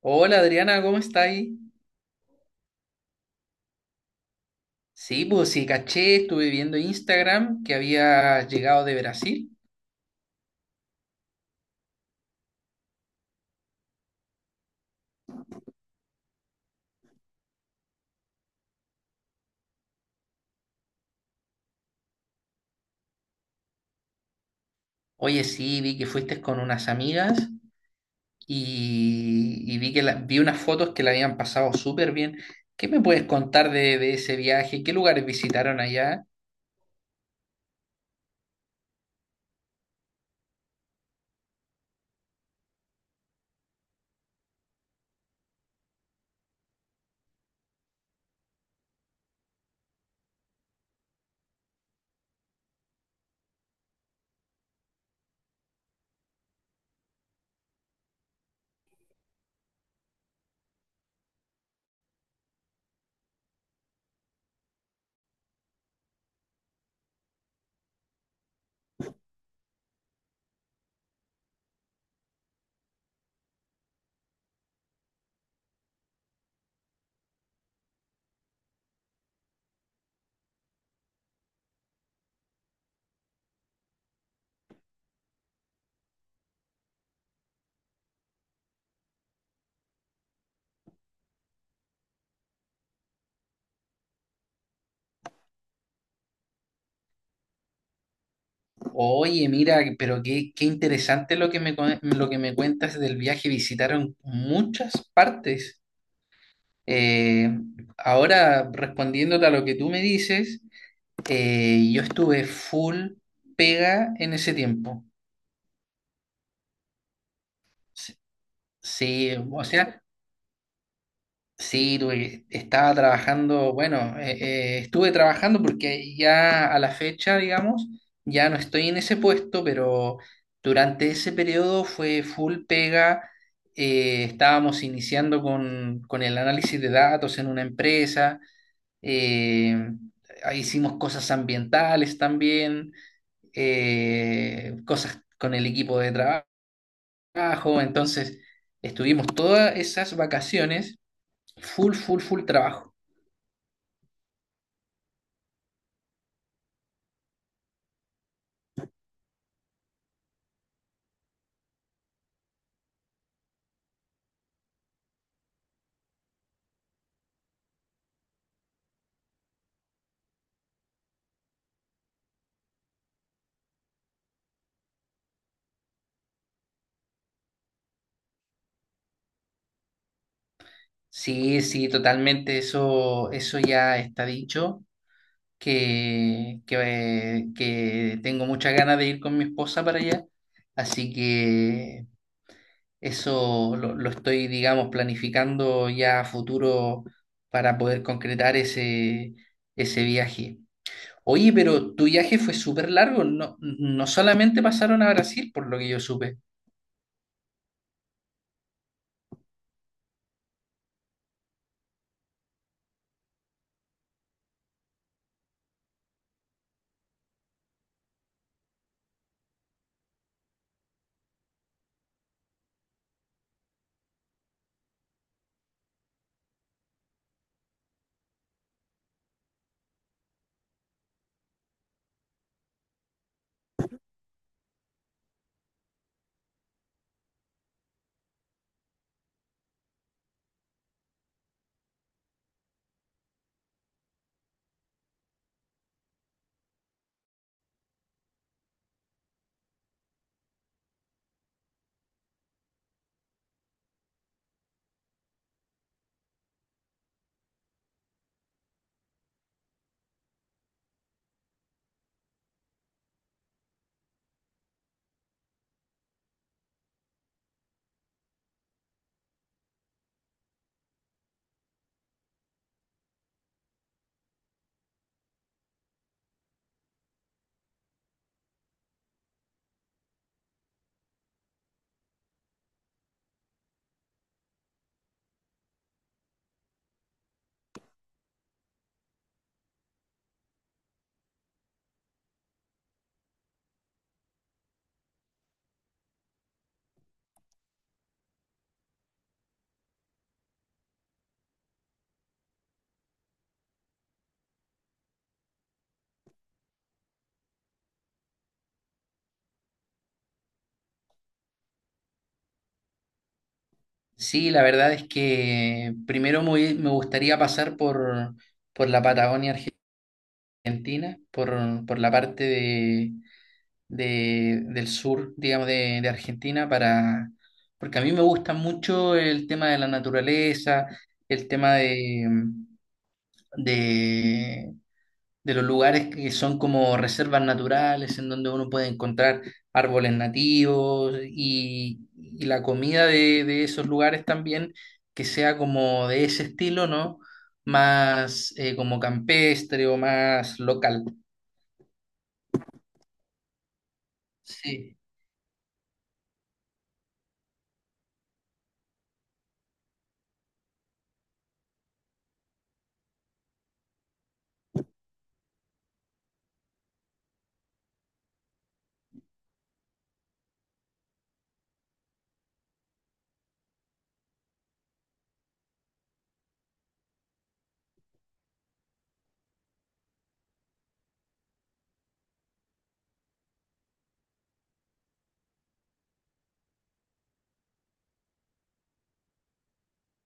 Hola Adriana, ¿cómo estáis? Sí, pues sí, caché, estuve viendo Instagram que había llegado de Brasil. Oye, sí, vi que fuiste con unas amigas y vi que vi unas fotos que la habían pasado súper bien. ¿Qué me puedes contar de ese viaje? ¿Qué lugares visitaron allá? Oye, mira, pero qué interesante lo que lo que me cuentas del viaje. Visitaron muchas partes. Eh, ahora, respondiéndote a lo que tú me dices. Yo estuve full pega en ese tiempo. S- Sí, o sea, sí, estaba trabajando, bueno, estuve trabajando porque ya a la fecha, digamos, ya no estoy en ese puesto, pero durante ese periodo fue full pega. Estábamos iniciando con el análisis de datos en una empresa, eh, hicimos cosas ambientales también. Cosas con el equipo de trabajo. Entonces, estuvimos todas esas vacaciones full, full, full trabajo. Sí, sí, totalmente, eso ya está dicho, que tengo muchas ganas de ir con mi esposa para allá, así que eso lo estoy, digamos, planificando ya a futuro para poder concretar ese viaje. Oye, pero tu viaje fue súper largo, no, no solamente pasaron a Brasil, por lo que yo supe. Sí, la verdad es que primero me gustaría pasar por la Patagonia Argentina, por la parte del sur, digamos, de Argentina, porque a mí me gusta mucho el tema de la naturaleza, el tema de, de los lugares que son como reservas naturales, en donde uno puede encontrar árboles nativos y la comida de esos lugares también, que sea como de ese estilo, ¿no? Más como campestre o más local. Sí.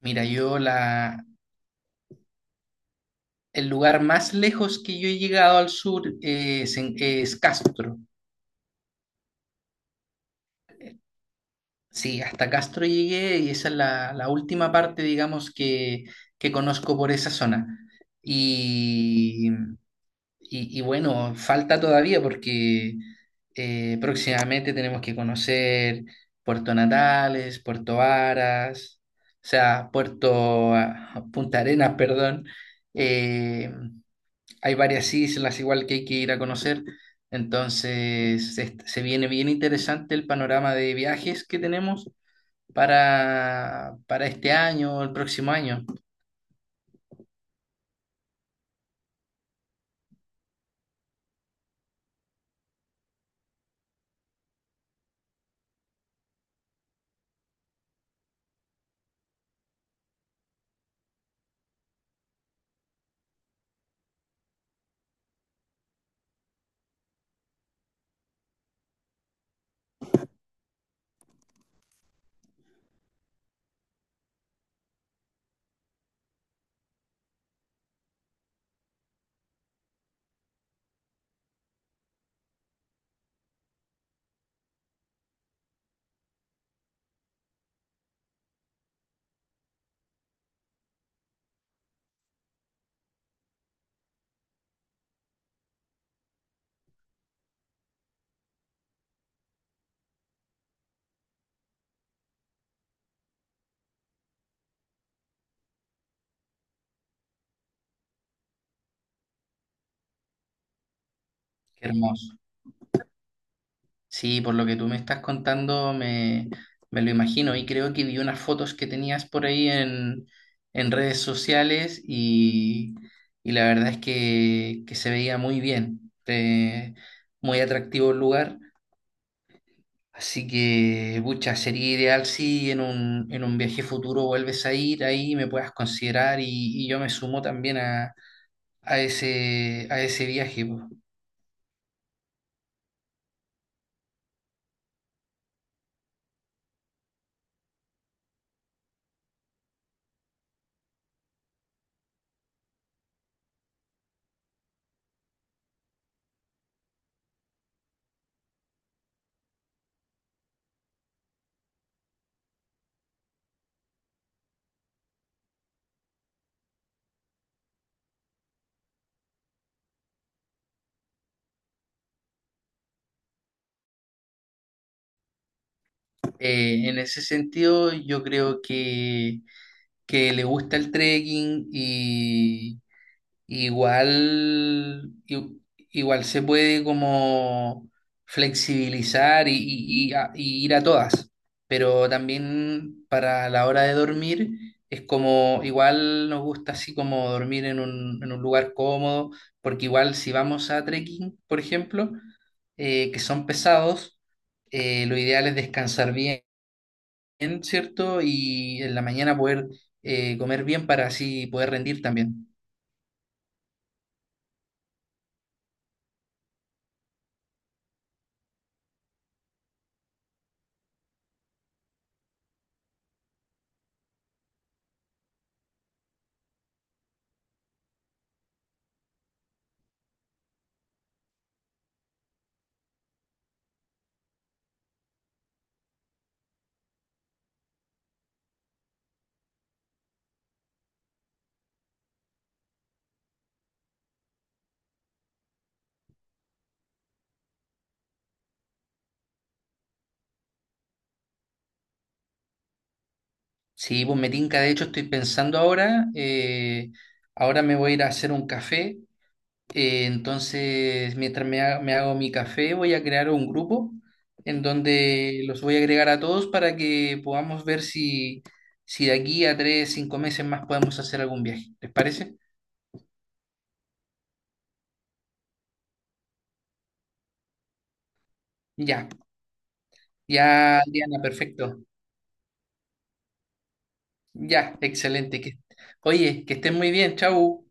Mira, el lugar más lejos que yo he llegado al sur es Castro. Sí, hasta Castro llegué y esa es la última parte, digamos, que conozco por esa zona. Y, y bueno, falta todavía porque próximamente tenemos que conocer Puerto Natales, Puerto Varas, o sea, Punta Arenas, perdón. Eh, Hay varias islas igual que hay que ir a conocer. Entonces, se viene bien interesante el panorama de viajes que tenemos para este año o el próximo año. Qué hermoso. Sí, por lo que tú me estás contando, me lo imagino. Y creo que vi unas fotos que tenías por ahí en redes sociales y la verdad es que se veía muy bien. Muy atractivo el lugar. Así que, pucha, sería ideal si en en un viaje futuro vuelves a ir ahí, me puedas considerar y yo me sumo también a a ese viaje. Po. En ese sentido, yo creo que le gusta el trekking y igual, i- igual se puede como flexibilizar y y ir a todas, pero también para la hora de dormir es como igual nos gusta así como dormir en en un lugar cómodo, porque igual si vamos a trekking, por ejemplo, que son pesados, lo ideal es descansar bien bien, ¿cierto? Y en la mañana poder comer bien para así poder rendir también. Sí, pues me tinca, de hecho estoy pensando ahora, ahora me voy a ir a hacer un café, entonces mientras me hago mi café voy a crear un grupo en donde los voy a agregar a todos para que podamos ver si, si de aquí a tres, cinco meses más podemos hacer algún viaje. ¿Les parece? Ya, ya, Diana, perfecto. Ya, excelente. Que, oye, que estén muy bien, chau.